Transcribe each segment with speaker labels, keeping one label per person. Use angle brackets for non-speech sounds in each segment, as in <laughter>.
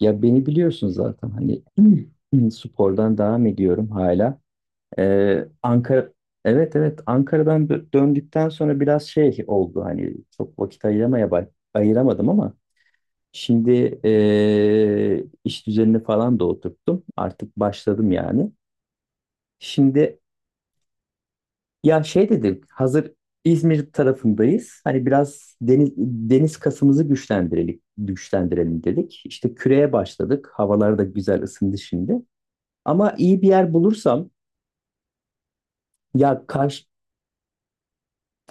Speaker 1: Ya beni biliyorsun zaten hani <clears throat> spordan devam ediyorum hala. Ankara evet evet, Ankara'dan döndükten sonra biraz şey oldu hani çok vakit ayıramaya ayıramadım ama şimdi iş düzenini falan da oturttum. Artık başladım yani. Şimdi ya şey dedim hazır, İzmir tarafındayız. Hani biraz deniz, deniz kasımızı güçlendirelim, güçlendirelim dedik. İşte küreye başladık. Havalar da güzel ısındı şimdi. Ama iyi bir yer bulursam, ya,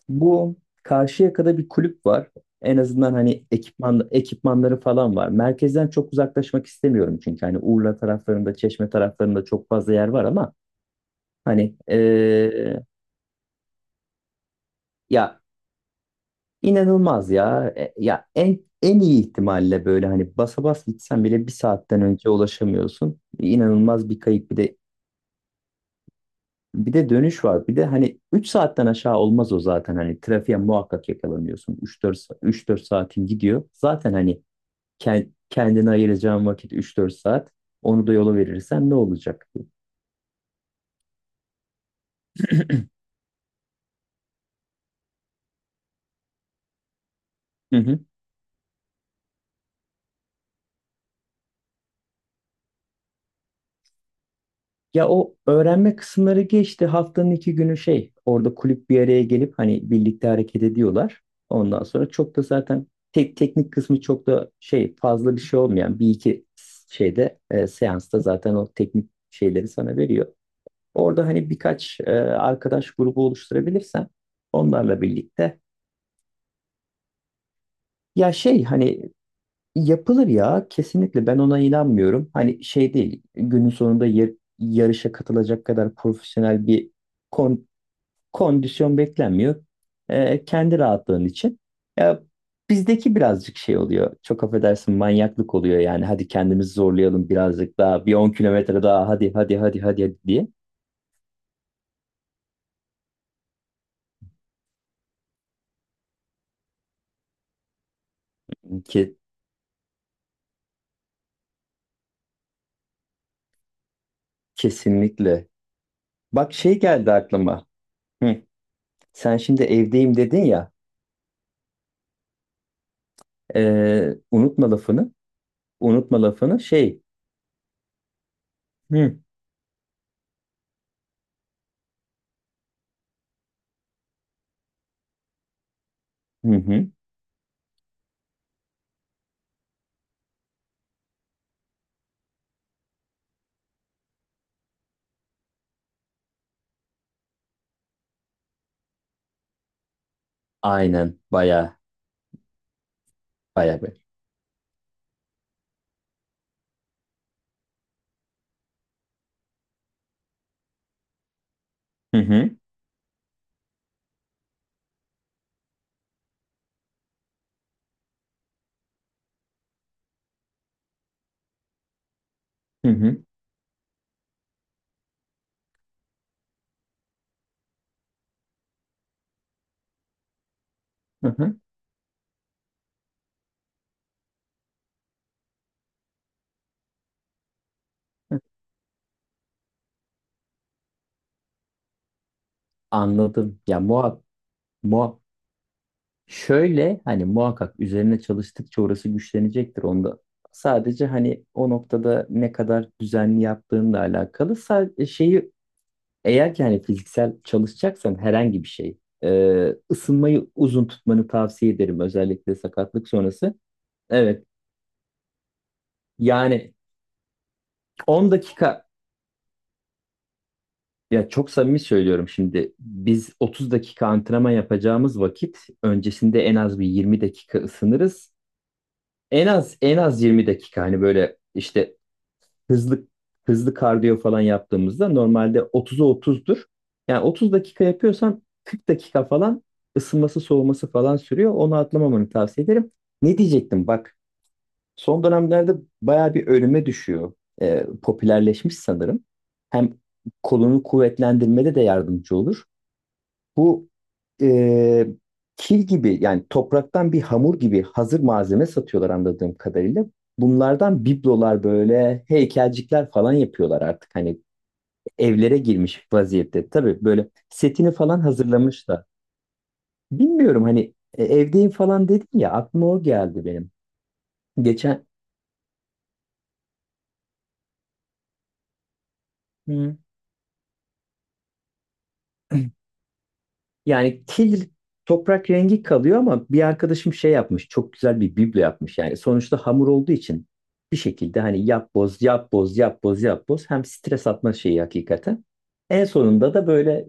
Speaker 1: bu Karşıyaka'da bir kulüp var. En azından hani ekipmanları falan var. Merkezden çok uzaklaşmak istemiyorum çünkü hani Urla taraflarında, Çeşme taraflarında çok fazla yer var ama hani, ya inanılmaz ya. Ya en iyi ihtimalle böyle hani basa bas gitsen bile bir saatten önce ulaşamıyorsun. İnanılmaz bir kayıp, Bir de dönüş var. Bir de hani 3 saatten aşağı olmaz o zaten. Hani trafiğe muhakkak yakalanıyorsun. 3-4 saatin gidiyor. Zaten hani kendine ayıracağın vakit 3-4 saat. Onu da yola verirsen ne olacak? Hı hı. Ya o öğrenme kısımları geçti. Haftanın iki günü şey orada kulüp bir araya gelip hani birlikte hareket ediyorlar. Ondan sonra çok da zaten teknik kısmı çok da şey fazla bir şey olmayan bir iki şeyde, seansta zaten o teknik şeyleri sana veriyor. Orada hani birkaç arkadaş grubu oluşturabilirsem onlarla birlikte. Ya şey hani yapılır ya, kesinlikle ben ona inanmıyorum. Hani şey değil, günün sonunda yarışa katılacak kadar profesyonel bir kon- kondisyon beklenmiyor. Kendi rahatlığın için. Ya bizdeki birazcık şey oluyor. Çok affedersin, manyaklık oluyor yani. Hadi kendimizi zorlayalım birazcık daha. Bir 10 kilometre daha, hadi hadi hadi hadi, hadi diye. Ke- kesinlikle. Bak şey geldi aklıma. Hı. Sen şimdi evdeyim dedin ya. Unutma lafını. Unutma lafını şey. Hı. Hı hı. Aynen. Baya baya bir. Hı hı. Hı hı. Hı hı. Anladım. Ya muhak muhak şöyle hani muhakkak üzerine çalıştıkça orası güçlenecektir onda. Sadece hani o noktada ne kadar düzenli yaptığınla alakalı. Şeyi eğer ki hani fiziksel çalışacaksan herhangi bir şey, ısınmayı uzun tutmanı tavsiye ederim, özellikle sakatlık sonrası. Evet. Yani 10 dakika, ya çok samimi söylüyorum, şimdi biz 30 dakika antrenman yapacağımız vakit öncesinde en az bir 20 dakika ısınırız. En az 20 dakika hani böyle işte hızlı hızlı kardiyo falan yaptığımızda normalde 30'a 30'dur. Yani 30 dakika yapıyorsan 40 dakika falan ısınması soğuması falan sürüyor. Onu atlamamanı tavsiye ederim. Ne diyecektim, bak. Son dönemlerde bayağı bir önüme düşüyor. Popülerleşmiş sanırım. Hem kolunu kuvvetlendirmede de yardımcı olur. Bu, e, kil gibi, yani topraktan bir hamur gibi, hazır malzeme satıyorlar anladığım kadarıyla. Bunlardan biblolar, böyle heykelcikler falan yapıyorlar artık. Hani evlere girmiş vaziyette. Tabii böyle setini falan hazırlamış da. Bilmiyorum hani, evdeyim falan dedim ya, aklıma o geldi benim. Geçen Hı. <clears throat> Yani kil toprak rengi kalıyor ama bir arkadaşım şey yapmış. Çok güzel bir biblo yapmış. Yani sonuçta hamur olduğu için bir şekilde hani yap boz yap boz yap boz yap boz, hem stres atma şeyi hakikaten. En sonunda da böyle,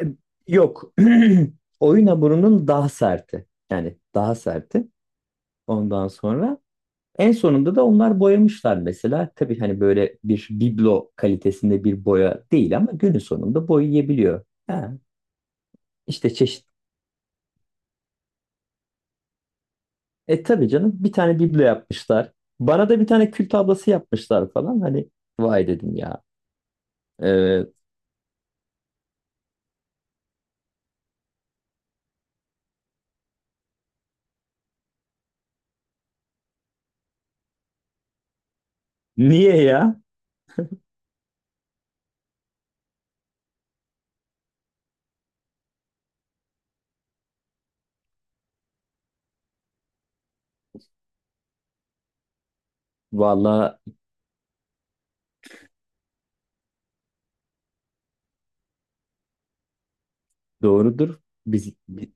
Speaker 1: e, yok, <clears throat> oyun hamurunun daha serti. Yani daha serti. Ondan sonra en sonunda da onlar boyamışlar mesela. Tabii hani böyle bir biblo kalitesinde bir boya değil ama günün sonunda boyayabiliyor. Ha, işte çeşit E tabii canım, bir tane biblo yapmışlar. Bana da bir tane kül tablası yapmışlar falan. Hani vay dedim ya. Ee, niye ya? Valla doğrudur. Biz bi-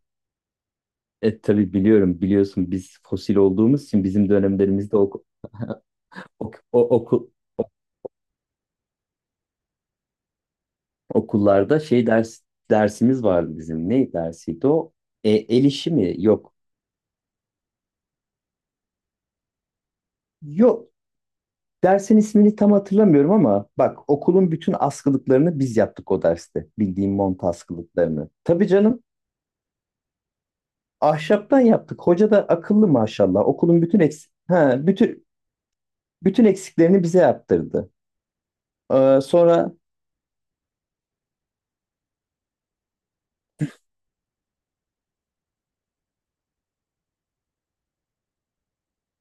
Speaker 1: tabii biliyorum, biliyorsun biz fosil olduğumuz için bizim dönemlerimizde <laughs> ok, o- oku- okullarda şey dersimiz vardı bizim. Ne dersiydi o? El işi mi? Yok. Yok. Dersin ismini tam hatırlamıyorum ama bak, okulun bütün askılıklarını biz yaptık o derste. Bildiğim mont askılıklarını. Tabii canım, ahşaptan yaptık. Hoca da akıllı, maşallah. Okulun bütün bütün eksiklerini bize yaptırdı. Sonra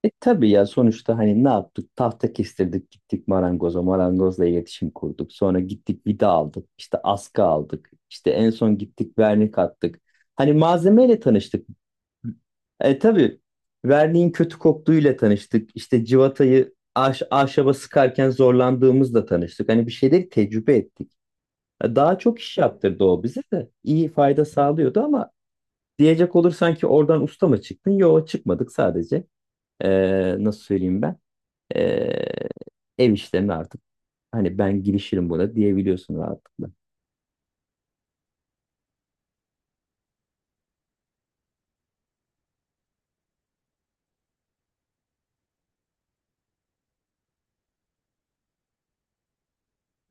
Speaker 1: tabii ya, sonuçta hani ne yaptık? Tahta kestirdik, gittik marangoza. Marangozla iletişim kurduk. Sonra gittik vida aldık. İşte askı aldık. İşte en son gittik vernik attık. Hani malzemeyle tanıştık. Tabii verniğin kötü koktuğuyla tanıştık. İşte civatayı ahşaba sıkarken zorlandığımızla tanıştık. Hani bir şeyleri tecrübe ettik. Daha çok iş yaptırdı o bize de. İyi fayda sağlıyordu ama diyecek olursan ki oradan usta mı çıktın? Yok, çıkmadık sadece. Nasıl söyleyeyim ben? Ee, ev işlerini artık hani ben girişirim buna diyebiliyorsun rahatlıkla.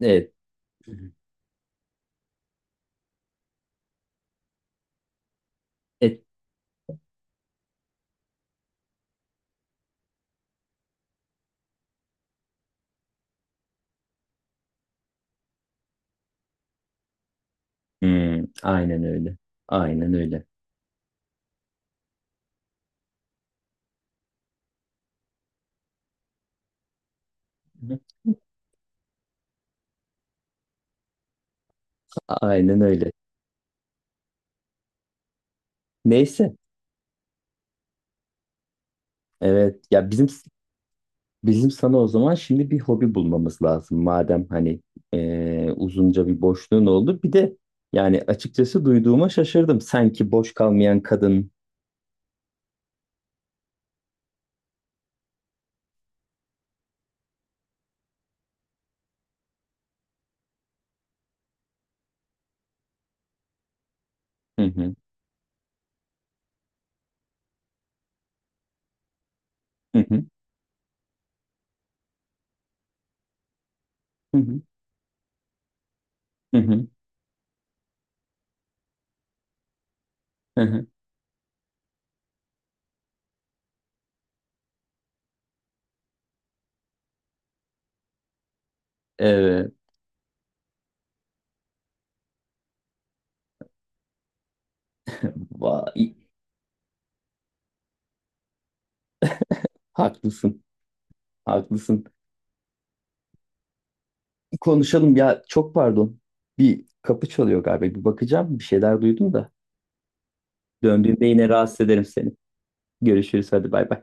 Speaker 1: Evet. Hı. Et. Hmm, aynen öyle. Aynen öyle. Aynen öyle. Neyse. Evet ya, bizim sana o zaman şimdi bir hobi bulmamız lazım madem hani, uzunca bir boşluğun oldu. Bir de yani açıkçası duyduğuma şaşırdım. Sanki boş kalmayan kadın. Hı hı, hı hı, hı hı, hı hı, hı hı. Evet. Vay, haklısın. Haklısın. Konuşalım ya, çok pardon. Bir kapı çalıyor galiba. Bir bakacağım. Bir şeyler duydum da. Döndüğümde yine rahatsız ederim seni. Görüşürüz hadi, bay bay.